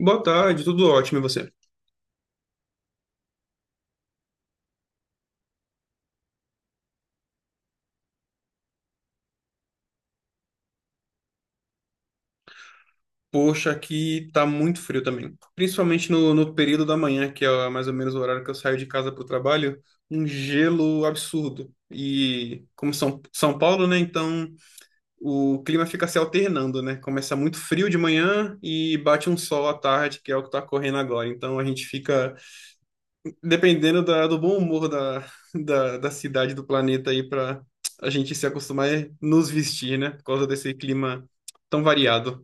Boa tarde, tudo ótimo e você? Poxa, aqui tá muito frio também. Principalmente no período da manhã, que é mais ou menos o horário que eu saio de casa pro trabalho, um gelo absurdo. E como São Paulo, né? Então o clima fica se alternando, né? Começa muito frio de manhã e bate um sol à tarde, que é o que tá correndo agora. Então a gente fica dependendo do bom humor da cidade, do planeta aí, pra a gente se acostumar a nos vestir, né? Por causa desse clima tão variado.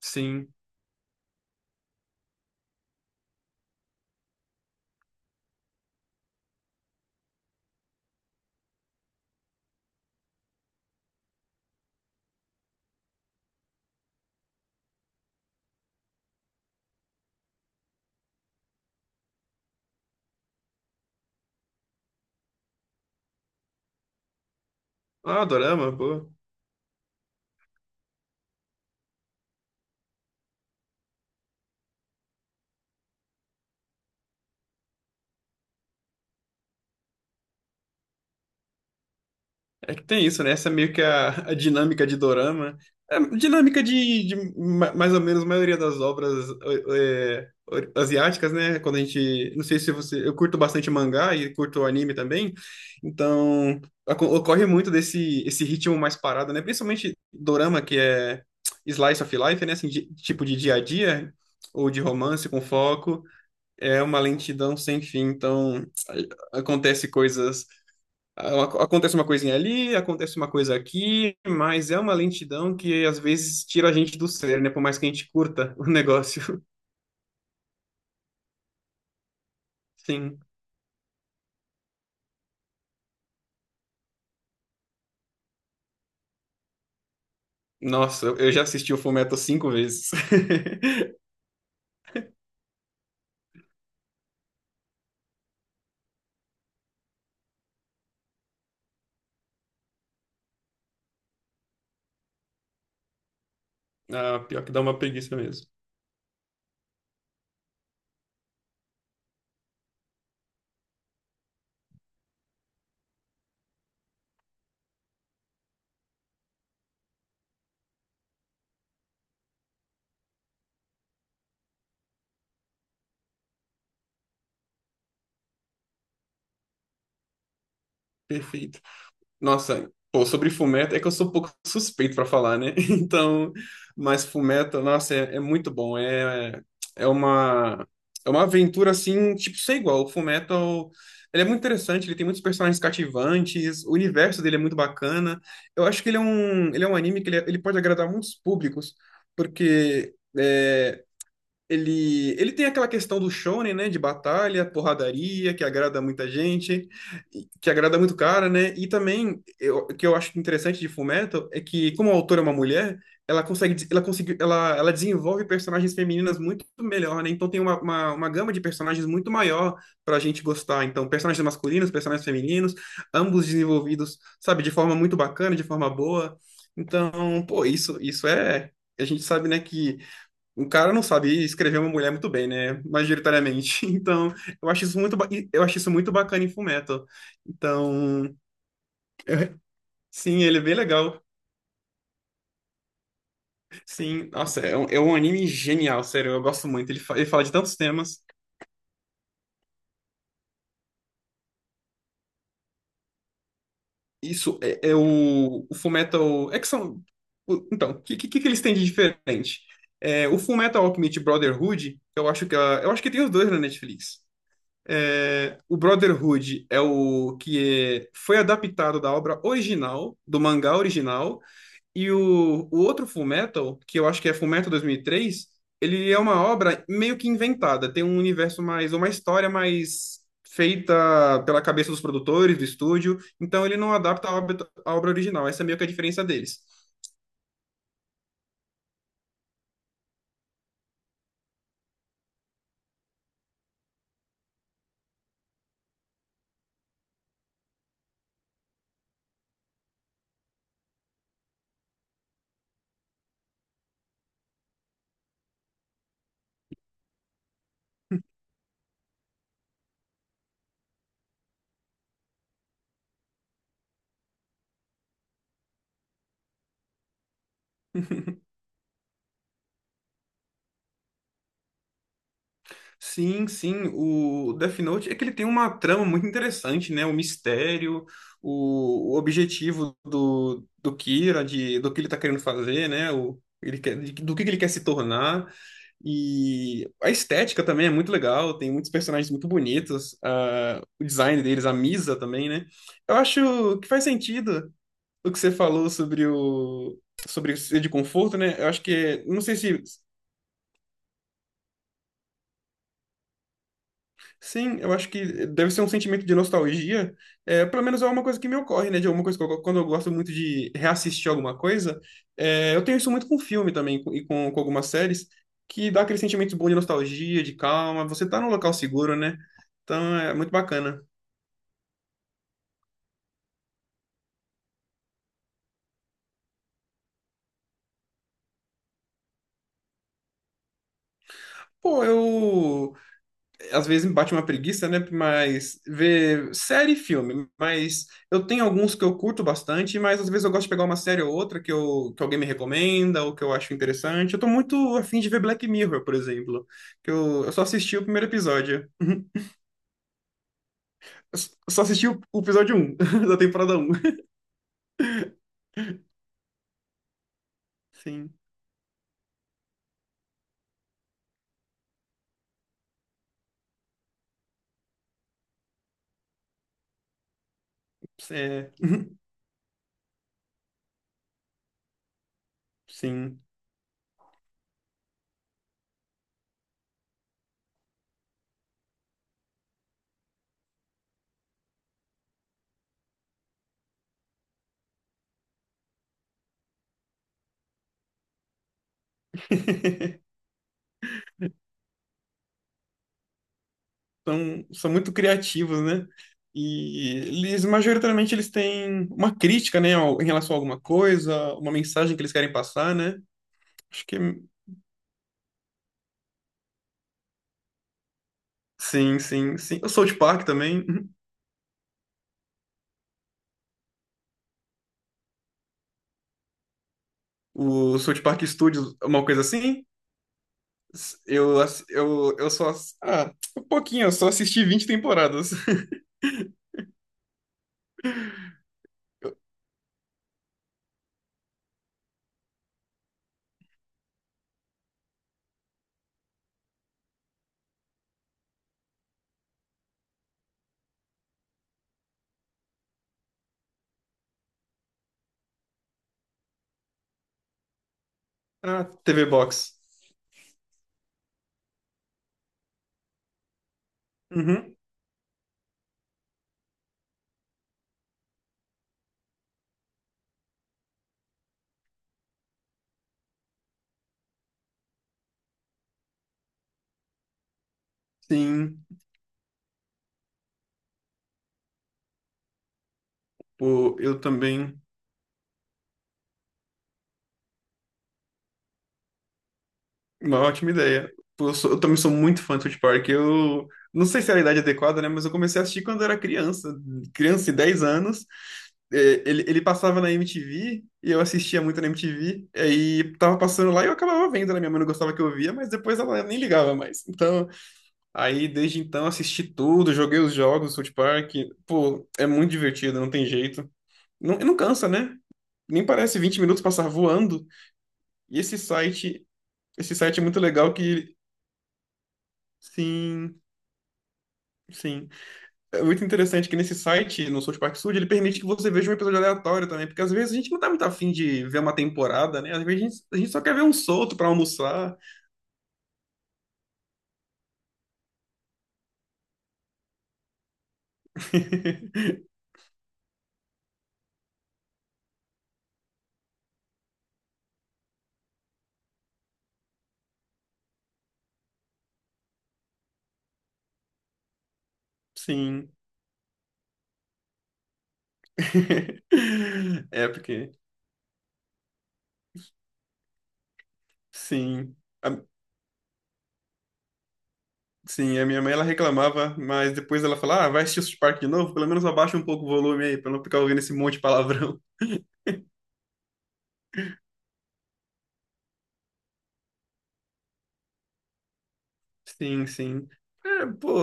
Sim. Ah, dorama, pô. É que tem isso, né? Essa é meio que a dinâmica de dorama. É, dinâmica de mais ou menos a maioria das obras asiáticas, né? Quando a gente. Não sei se você. Eu curto bastante mangá e curto anime também. Então, ocorre muito desse esse ritmo mais parado, né? Principalmente dorama, que é slice of life, né? Assim, tipo de dia a dia, ou de romance com foco. É uma lentidão sem fim. Então acontece coisas acontece uma coisinha ali, acontece uma coisa aqui, mas é uma lentidão que às vezes tira a gente do sério, né? Por mais que a gente curta o negócio. Sim. Nossa, eu já assisti o Fullmetal cinco vezes. Ah, pior que dá uma preguiça mesmo. Perfeito. Nossa, pô, sobre Fullmetal, é que eu sou um pouco suspeito pra falar, né? Então, mas Fullmetal, nossa, é muito bom. É, é uma, é uma aventura assim, tipo, sem igual. O Fullmetal, ele é muito interessante, ele tem muitos personagens cativantes, o universo dele é muito bacana. Eu acho que ele é um anime que ele, é, ele pode agradar muitos públicos, porque, ele tem aquela questão do shonen, né, de batalha, porradaria, que agrada muita gente, que agrada muito cara, né? E também, o que eu acho interessante de Fullmetal é que, como a autora é uma mulher, ela consegue, ela conseguiu, ela desenvolve personagens femininas muito melhor, né? Então tem uma gama de personagens muito maior pra gente gostar. Então, personagens masculinos, personagens femininos, ambos desenvolvidos, sabe, de forma muito bacana, de forma boa. Então, pô, isso é, a gente sabe, né, que o cara não sabe escrever uma mulher muito bem, né? Majoritariamente. Então, eu- acho isso muito, ba- eu acho isso muito bacana em Fullmetal. Então, eu- sim, ele é bem legal. Sim, nossa, é um anime genial, sério, eu gosto muito. Ele, ele fala de tantos temas. Isso é o Fullmetal. É que são. Então, o que que eles têm de diferente? É, o Fullmetal Alchemist Brotherhood, eu acho que tem os dois na Netflix. É, o Brotherhood é o que foi adaptado da obra original, do mangá original, e o outro Fullmetal, que eu acho que é Fullmetal 2003, ele é uma obra meio que inventada, tem um universo mais, uma história mais feita pela cabeça dos produtores, do estúdio, então ele não adapta a obra original, essa é meio que a diferença deles. Sim, sim, o Death Note é que ele tem uma trama muito interessante, né? O mistério, o objetivo do Kira, do que ele tá querendo fazer, né? O, ele quer, do que ele quer se tornar. E a estética também é muito legal, tem muitos personagens muito bonitos, ah, o design deles, a Misa também, né? Eu acho que faz sentido o que você falou sobre ser de conforto, né? Eu acho que, não sei se. Sim, eu acho que deve ser um sentimento de nostalgia. É, pelo menos é uma coisa que me ocorre, né? De alguma coisa que quando eu gosto muito de reassistir alguma coisa, é, eu tenho isso muito com filme também e com algumas séries, que dá aquele sentimento bom de nostalgia, de calma. Você tá num local seguro, né? Então é muito bacana. Pô, eu às vezes me bate uma preguiça, né? Mas ver série e filme. Mas eu tenho alguns que eu curto bastante, mas às vezes eu gosto de pegar uma série ou outra que alguém me recomenda ou que eu acho interessante. Eu tô muito afim de ver Black Mirror, por exemplo, que eu só assisti o primeiro episódio. Eu só assisti o episódio 1 da temporada 1. Sim, é, sim. São muito criativos, né? E eles, majoritariamente, eles têm uma crítica, né, em relação a alguma coisa, uma mensagem que eles querem passar, né? Acho que sim, sim, sim. O South Park também, uhum. O South Park Studios, uma coisa assim. Eu, ass- eu só. Ass- Ah, um pouquinho, eu só assisti vinte temporadas. Ah, TV Box. Uhum, sim. Pô, eu também. Uma ótima ideia. Pô, eu também sou muito fã de South Park. Eu não sei se era a idade adequada, né? Mas eu comecei a assistir quando eu era criança. Criança de 10 anos. É, ele passava na MTV e eu assistia muito na MTV. Aí tava passando lá e eu acabava vendo, né? Minha mãe não gostava que eu via, mas depois ela nem ligava mais. Então, aí desde então assisti tudo, joguei os jogos do South Park. Pô, é muito divertido, não tem jeito. Não, e não cansa, né? Nem parece 20 minutos passar voando. E esse site é muito legal que... Sim. Sim. É muito interessante que nesse site, no South Park Studio, ele permite que você veja um episódio aleatório também, porque às vezes a gente não tá muito afim de ver uma temporada, né? Às vezes a gente só quer ver um solto pra almoçar. Sim. É, porque. Sim. A- sim, a minha mãe ela reclamava, mas depois ela falava, ah, vai assistir o South Park de novo? Pelo menos abaixa um pouco o volume aí, pra não ficar ouvindo esse monte de palavrão. Sim, sim. É, pô,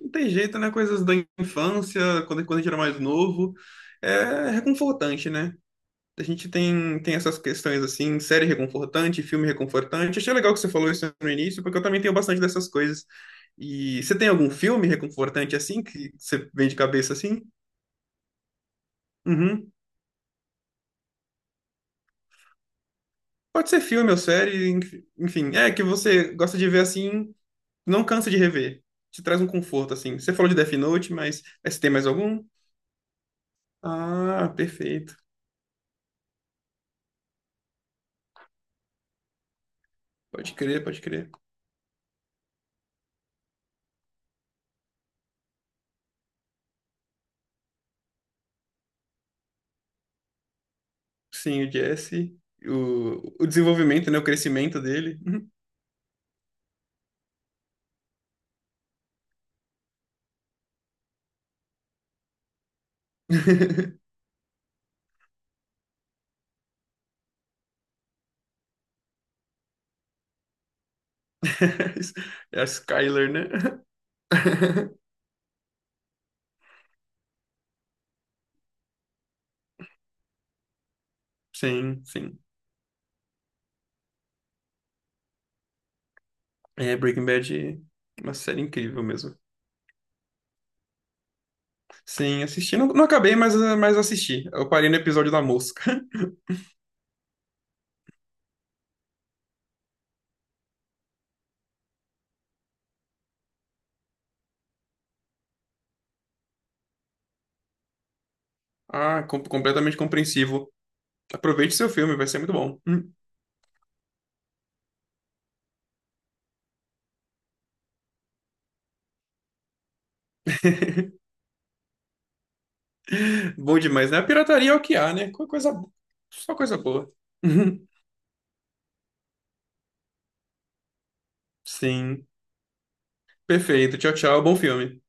não tem jeito, né? Coisas da infância, quando a gente era mais novo, é reconfortante, né? A gente tem essas questões assim, série reconfortante, filme reconfortante. Achei legal que você falou isso no início, porque eu também tenho bastante dessas coisas. E você tem algum filme reconfortante assim, que você vem de cabeça assim? Uhum. Pode ser filme ou série, enfim, é que você gosta de ver assim, não cansa de rever. Te traz um conforto, assim. Você falou de Death Note, mas você tem mais algum? Ah, perfeito. Pode crer, pode crer. Sim, o Jesse, o desenvolvimento, né? O crescimento dele. Uhum. É a Skyler, né? Sim, sim. É, Breaking Bad é uma série incrível mesmo. Sim, assisti. Não, não acabei, mas assisti. Eu parei no episódio da mosca. Ah, completamente compreensivo. Aproveite seu filme, vai ser muito bom. Bom demais, né? A pirataria é o que há, né? Só coisa boa. Sim. Perfeito. Tchau, tchau. Bom filme.